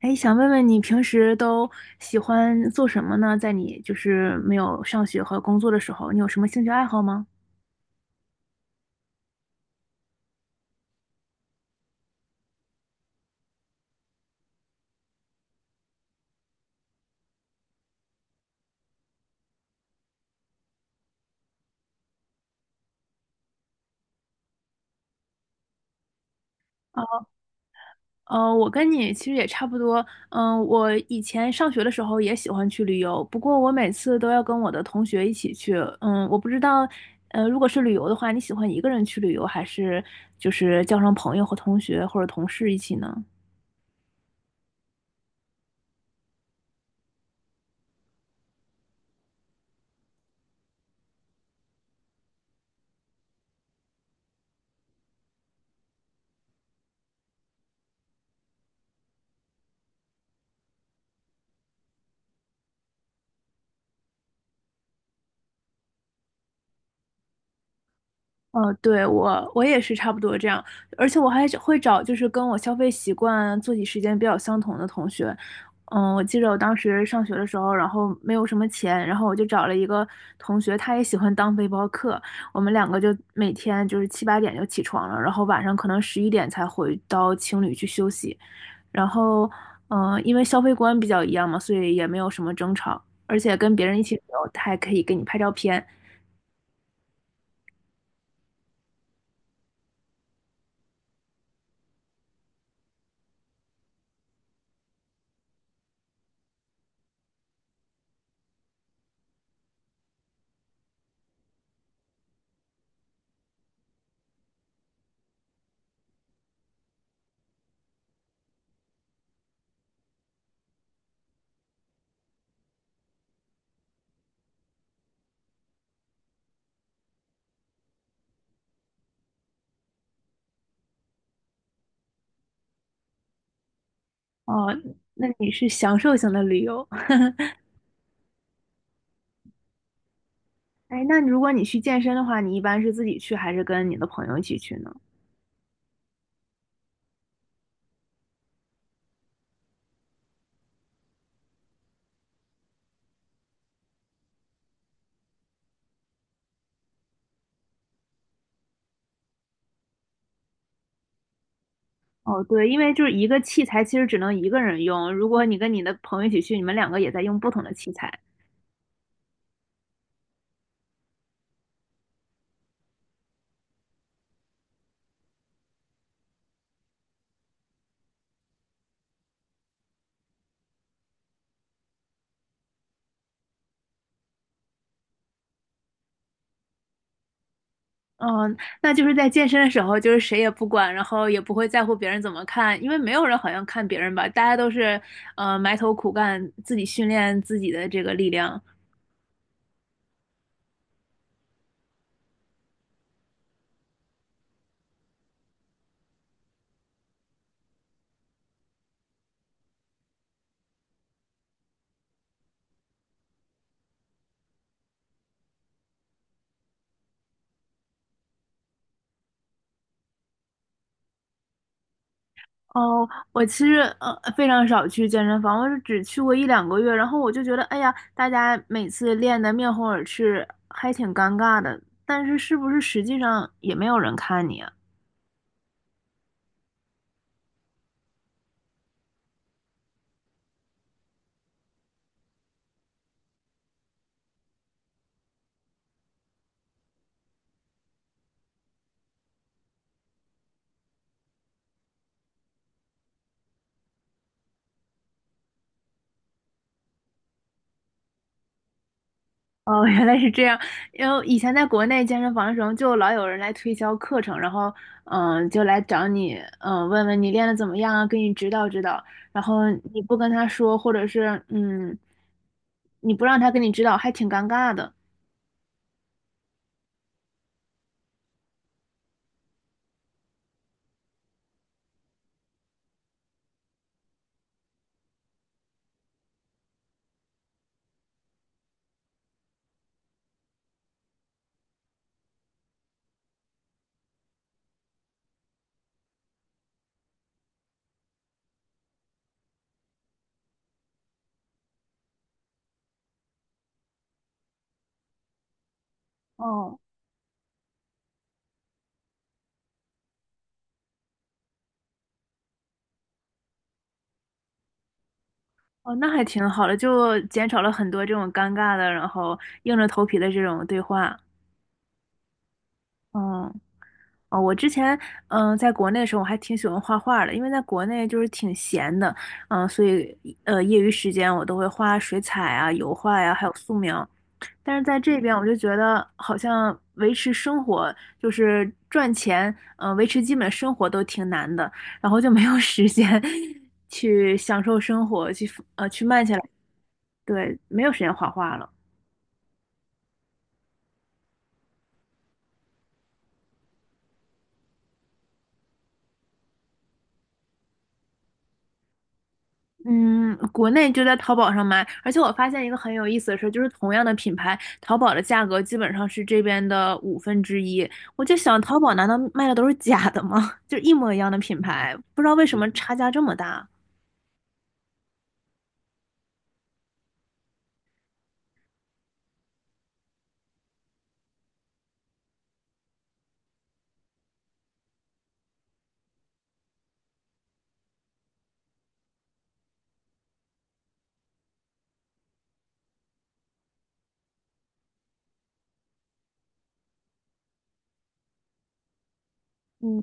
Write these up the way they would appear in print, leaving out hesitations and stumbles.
哎，想问问你平时都喜欢做什么呢？在你就是没有上学和工作的时候，你有什么兴趣爱好吗？我跟你其实也差不多。我以前上学的时候也喜欢去旅游，不过我每次都要跟我的同学一起去。我不知道，如果是旅游的话，你喜欢一个人去旅游，还是就是叫上朋友和同学或者同事一起呢？哦，对，我也是差不多这样，而且我还会找就是跟我消费习惯、作息时间比较相同的同学。我记得我当时上学的时候，然后没有什么钱，然后我就找了一个同学，他也喜欢当背包客，我们两个就每天就是七八点就起床了，然后晚上可能11点才回到青旅去休息。然后，因为消费观比较一样嘛，所以也没有什么争吵，而且跟别人一起旅游，他还可以给你拍照片。哦，那你是享受型的旅游。哎，那如果你去健身的话，你一般是自己去还是跟你的朋友一起去呢？哦，对，因为就是一个器材其实只能一个人用，如果你跟你的朋友一起去，你们两个也在用不同的器材。嗯，那就是在健身的时候，就是谁也不管，然后也不会在乎别人怎么看，因为没有人好像看别人吧，大家都是埋头苦干，自己训练自己的这个力量。哦，我其实非常少去健身房，我是只去过一两个月，然后我就觉得，哎呀，大家每次练得面红耳赤，还挺尴尬的。但是是不是实际上也没有人看你啊？哦，原来是这样。因为以前在国内健身房的时候，就老有人来推销课程，然后就来找你，问问你练的怎么样啊，给你指导指导。然后你不跟他说，或者是你不让他给你指导，还挺尴尬的。哦。哦，那还挺好的，就减少了很多这种尴尬的，然后硬着头皮的这种对话。嗯，哦，我之前在国内的时候，我还挺喜欢画画的，因为在国内就是挺闲的，所以业余时间我都会画水彩啊、油画呀、还有素描。但是在这边，我就觉得好像维持生活，就是赚钱，维持基本生活都挺难的，然后就没有时间 去享受生活，去慢下来。对，没有时间画画了。嗯，国内就在淘宝上买，而且我发现一个很有意思的事，就是同样的品牌，淘宝的价格基本上是这边的五分之一。我就想，淘宝难道卖的都是假的吗？就一模一样的品牌，不知道为什么差价这么大。嗯，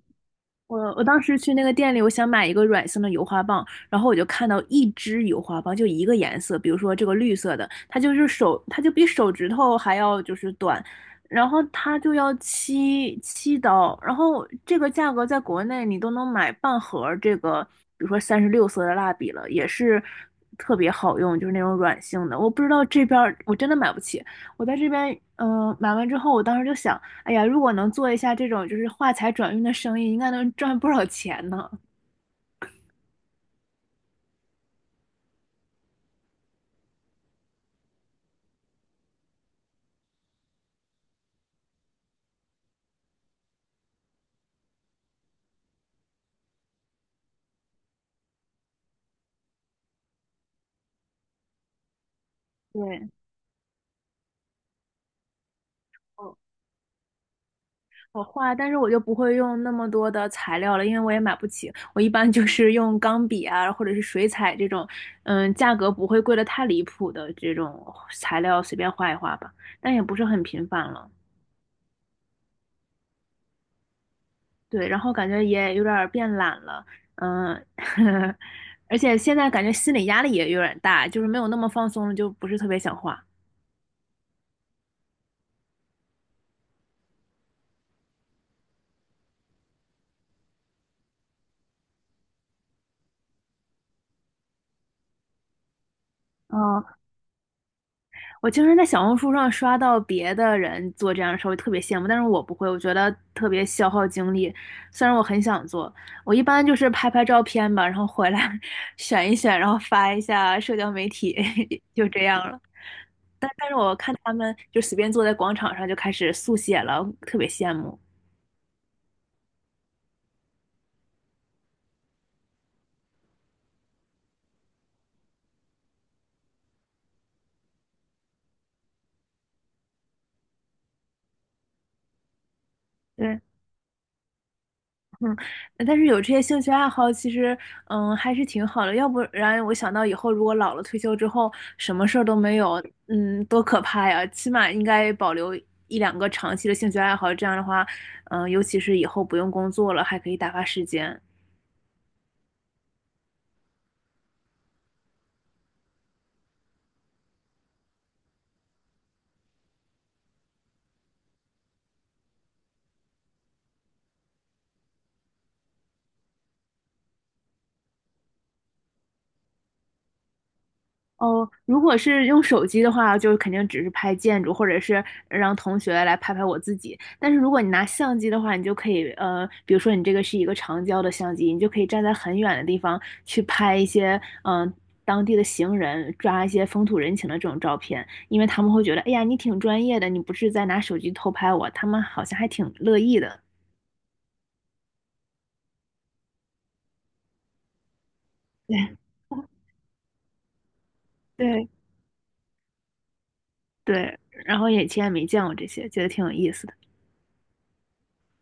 我当时去那个店里，我想买一个软性的油画棒，然后我就看到一支油画棒，就一个颜色，比如说这个绿色的，它就比手指头还要就是短，然后它就要七刀，然后这个价格在国内你都能买半盒儿这个，比如说36色的蜡笔了，也是特别好用，就是那种软性的。我不知道这边儿我真的买不起，我在这边买完之后，我当时就想。哎呀，如果能做一下这种就是画材转运的生意，应该能赚不少钱呢。对，我我画，但是我就不会用那么多的材料了，因为我也买不起。我一般就是用钢笔啊，或者是水彩这种，价格不会贵的太离谱的这种材料随便画一画吧，但也不是很频繁了。对，然后感觉也有点儿变懒了，嗯，而且现在感觉心理压力也有点大，就是没有那么放松了，就不是特别想画。嗯，我经常在小红书上刷到别的人做这样的事儿，我特别羡慕，但是我不会，我觉得特别消耗精力。虽然我很想做，我一般就是拍拍照片吧，然后回来 选一选，然后发一下社交媒体，就这样了。但是我看他们就随便坐在广场上就开始速写了，特别羡慕。对，嗯，但是有这些兴趣爱好，其实还是挺好的。要不然我想到以后如果老了退休之后，什么事儿都没有，多可怕呀！起码应该保留一两个长期的兴趣爱好，这样的话，尤其是以后不用工作了，还可以打发时间。哦，如果是用手机的话，就肯定只是拍建筑，或者是让同学来拍拍我自己。但是如果你拿相机的话，你就可以，比如说你这个是一个长焦的相机，你就可以站在很远的地方去拍一些，当地的行人，抓一些风土人情的这种照片，因为他们会觉得，哎呀，你挺专业的，你不是在拿手机偷拍我，他们好像还挺乐意的。对对对，然后也以前也没见过这些，觉得挺有意思的。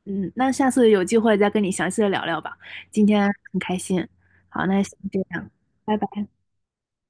嗯，那下次有机会再跟你详细的聊聊吧。今天很开心，好，那先这样，拜拜。